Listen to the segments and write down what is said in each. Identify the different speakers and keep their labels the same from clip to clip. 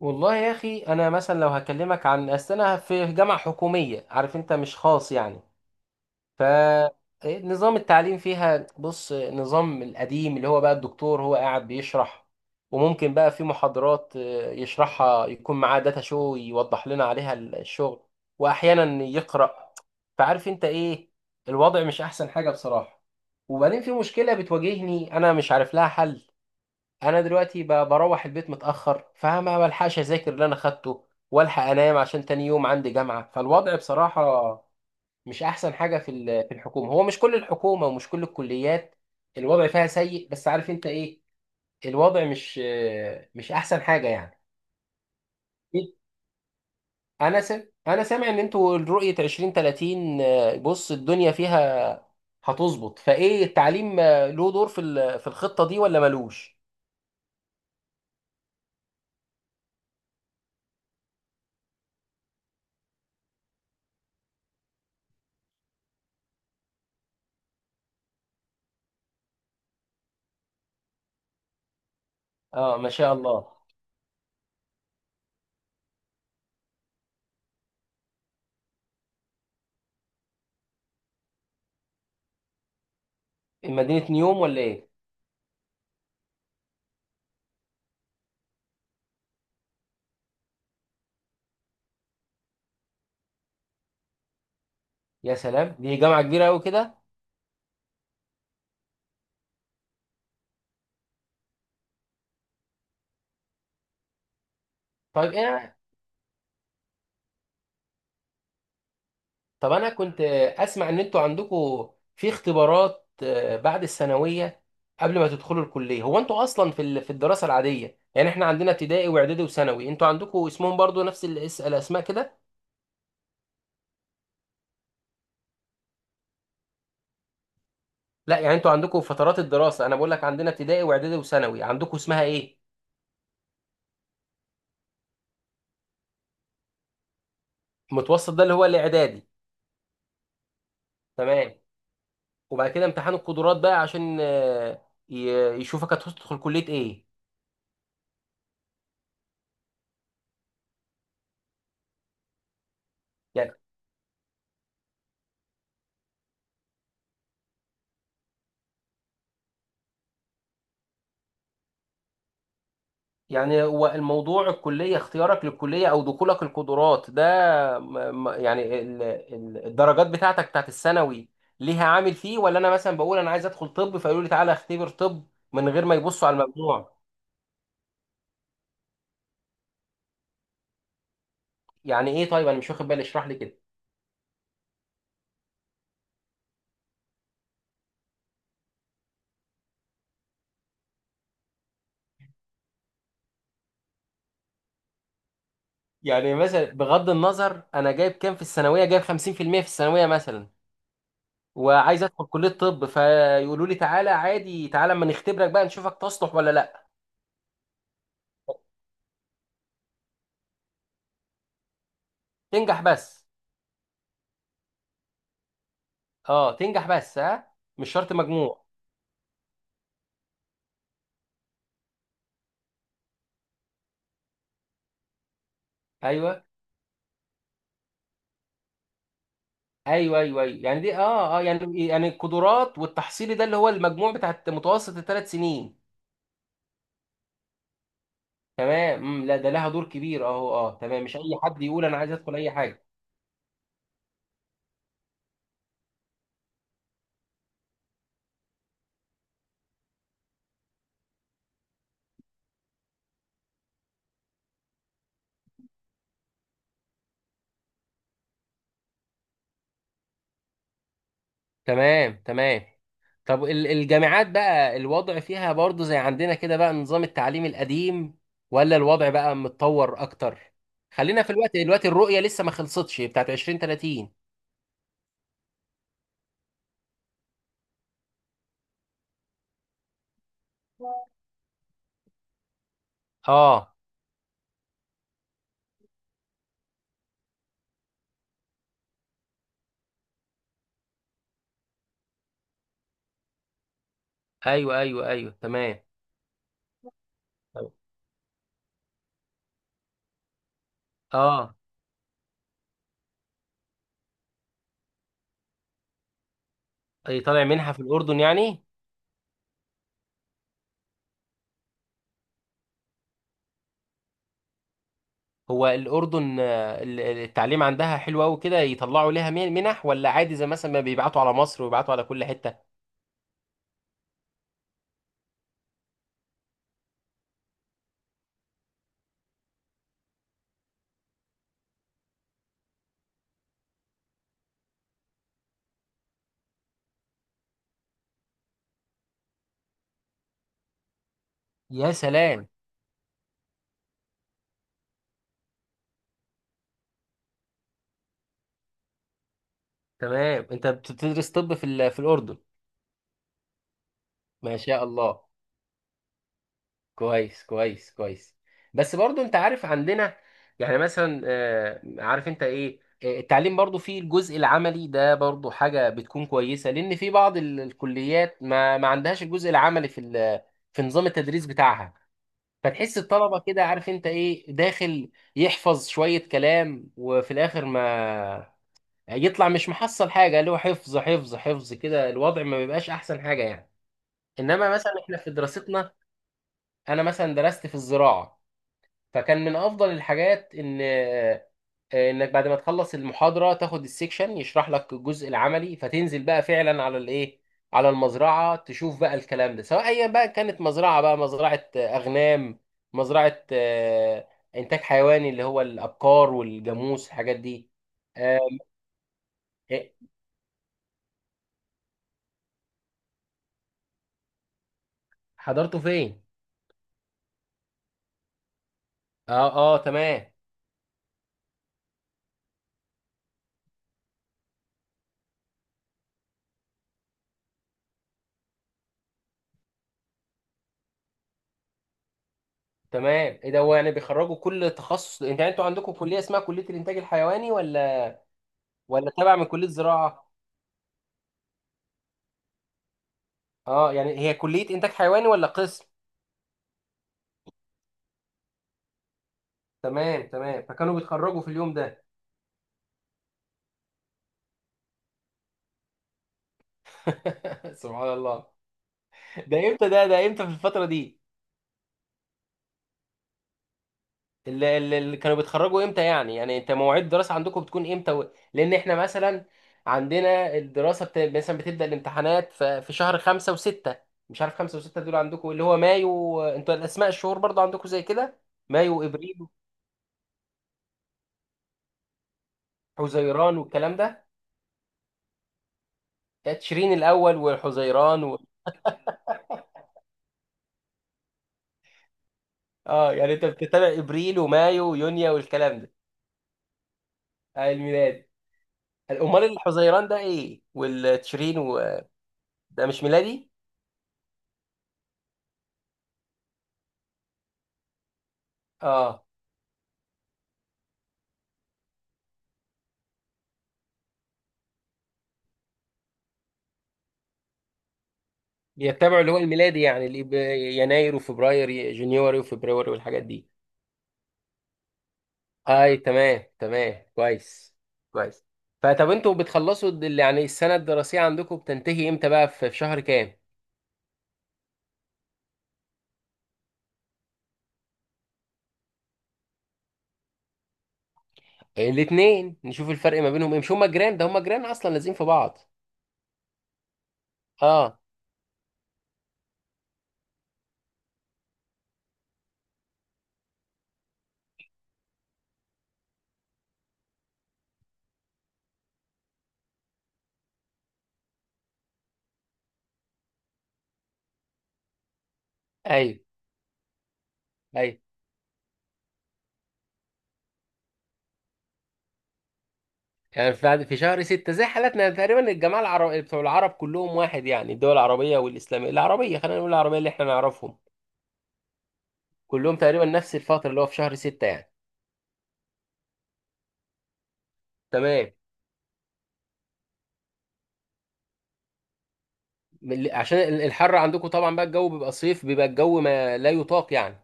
Speaker 1: والله يا اخي انا مثلا لو هكلمك عن اصل انا في جامعه حكوميه، عارف انت، مش خاص يعني. ف نظام التعليم فيها، بص نظام القديم اللي هو بقى الدكتور هو قاعد بيشرح، وممكن بقى في محاضرات يشرحها يكون معاه داتا شو يوضح لنا عليها الشغل، واحيانا يقرأ. فعارف انت ايه، الوضع مش احسن حاجه بصراحه. وبعدين في مشكله بتواجهني انا مش عارف لها حل. انا دلوقتي بروح البيت متاخر، فما بلحقش اذاكر اللي انا خدته والحق انام عشان تاني يوم عندي جامعه. فالوضع بصراحه مش احسن حاجه في في الحكومه. هو مش كل الحكومه ومش كل الكليات الوضع فيها سيء، بس عارف انت ايه، الوضع مش احسن حاجه يعني. انا انا سامع ان انتوا رؤيه 2030، بص الدنيا فيها هتظبط. فايه التعليم له دور في في الخطه دي ولا ملوش؟ اه ما شاء الله. مدينه نيوم ولا ايه؟ يا سلام، دي جامعة كبيرة أوي كده. طيب إيه، طب أنا كنت أسمع إن أنتوا عندكم في اختبارات بعد الثانوية قبل ما تدخلوا الكلية. هو أنتوا أصلا في في الدراسة العادية، يعني إحنا عندنا ابتدائي وإعدادي وثانوي، أنتوا عندكم اسمهم برضو نفس الأسماء كده؟ لا يعني أنتوا عندكم فترات الدراسة، أنا بقول لك عندنا ابتدائي وإعدادي وثانوي، عندكم اسمها إيه؟ المتوسط ده اللي هو الإعدادي. تمام. وبعد كده امتحان القدرات بقى عشان يشوفك هتدخل كلية إيه. يعني يعني هو الموضوع الكلية، اختيارك للكلية أو دخولك القدرات ده، يعني الدرجات بتاعتك بتاعت الثانوي ليها عامل فيه، ولا أنا مثلا بقول أنا عايز أدخل طب فيقولوا لي تعالى اختبر طب من غير ما يبصوا على المجموع؟ يعني إيه طيب، أنا مش واخد بالي، اشرح لي كده. يعني مثلا بغض النظر أنا جايب كام في الثانوية، جايب 50% في المية في الثانوية مثلا، وعايز أدخل كلية طب، فيقولوا لي تعالى عادي، تعالى أما نختبرك بقى نشوفك تصلح ولا لأ؟ تنجح بس؟ أه تنجح بس، ها، مش شرط مجموع. ايوه ايوه ايوه. ايوه يعني دي اه اه يعني يعني القدرات والتحصيلي ده اللي هو المجموع بتاع متوسط 3 سنين. تمام. لا ده لها دور كبير اهو، اه تمام، مش اي حد يقول انا عايز ادخل اي حاجه. تمام تمام. طب الجامعات بقى الوضع فيها برضو زي عندنا كده بقى نظام التعليم القديم، ولا الوضع بقى متطور اكتر؟ خلينا في الوقت، الرؤية لسه ما خلصتش بتاعت 2030. اه. ايوه ايوه ايوه تمام. اه. أي طالع منها في الاردن يعني؟ هو الأردن التعليم عندها حلو أوي كده يطلعوا لها منح، ولا عادي زي مثلا ما بيبعتوا على مصر ويبعتوا على كل حتة؟ يا سلام. تمام، أنت بتدرس طب في في الأردن؟ ما شاء الله، كويس كويس كويس. بس برضو أنت عارف عندنا، يعني مثلا عارف أنت إيه، التعليم برضو فيه الجزء العملي ده، برضو حاجة بتكون كويسة، لأن في بعض الكليات ما عندهاش الجزء العملي في في نظام التدريس بتاعها. فتحس الطلبة كده، عارف انت ايه، داخل يحفظ شوية كلام، وفي الاخر ما يطلع مش محصل حاجة، اللي هو حفظ حفظ حفظ كده الوضع ما بيبقاش احسن حاجة يعني. انما مثلا احنا في دراستنا، انا مثلا درست في الزراعة، فكان من افضل الحاجات ان انك بعد ما تخلص المحاضره تاخد السكشن يشرح لك الجزء العملي، فتنزل بقى فعلا على الايه، على المزرعه تشوف بقى الكلام ده، سواء ايا بقى كانت مزرعه، بقى مزرعه اغنام، مزرعه انتاج حيواني اللي هو الابقار والجاموس الحاجات دي. آه، إيه، حضرته فين؟ اه اه تمام تمام. ايه ده، هو يعني بيخرجوا كل تخصص؟ انت يعني انتوا عندكم كليه اسمها كليه الانتاج الحيواني، ولا تابع من كليه زراعه؟ اه يعني هي كلية انتاج حيواني ولا قسم؟ تمام تمام، فكانوا بيتخرجوا في اليوم ده. سبحان الله. ده امتى؟ ده امتى؟ في الفترة دي؟ اللي كانوا بيتخرجوا امتى يعني؟ يعني انت مواعيد الدراسة عندكم بتكون امتى و...؟ لان احنا مثلا عندنا الدراسة مثلا بتبدأ الامتحانات في شهر خمسة وستة، مش عارف خمسة وستة دول عندكم اللي هو مايو؟ انتوا الاسماء الشهور برضو عندكم زي كده؟ مايو وابريل وحزيران والكلام ده؟ تشرين الاول وحزيران؟ اه يعني انت بتتابع ابريل ومايو ويونيو والكلام ده؟ آه الميلاد. امال الحزيران ده ايه والتشرين و...؟ ده مش ميلادي؟ اه بيتبعوا اللي هو الميلادي، يعني اللي يناير وفبراير جونيوري وفبراير والحاجات دي. اي تمام تمام كويس. كويس. فطب انتوا بتخلصوا يعني السنه الدراسيه عندكم بتنتهي امتى بقى في شهر كام؟ الاثنين نشوف الفرق ما بينهم ايه، مش هما جيران، هما جيران اصلا لازقين في بعض. اه. ايوه ايوه، يعني في شهر ستة زي حالاتنا تقريبا. الجماعة العرب بتوع العرب كلهم واحد، يعني الدول العربية والإسلامية، العربية خلينا نقول، العربية اللي احنا نعرفهم كلهم تقريبا نفس الفترة اللي هو في شهر ستة يعني. تمام. عشان الحر عندكم طبعا بقى، الجو بيبقى صيف، بيبقى الجو ما لا يطاق يعني.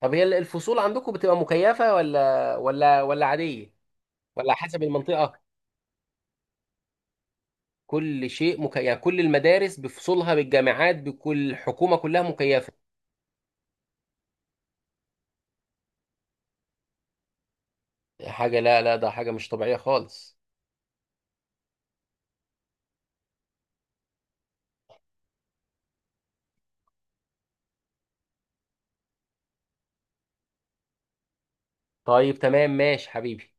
Speaker 1: طب هي الفصول عندكم بتبقى مكيفة ولا عادية؟ ولا حسب المنطقة؟ كل شيء مكيف يعني؟ كل المدارس بفصولها، بالجامعات، بكل الحكومة كلها مكيفة؟ حاجة لا ده حاجة مش طبيعية خالص. طيب تمام ماشي حبيبي.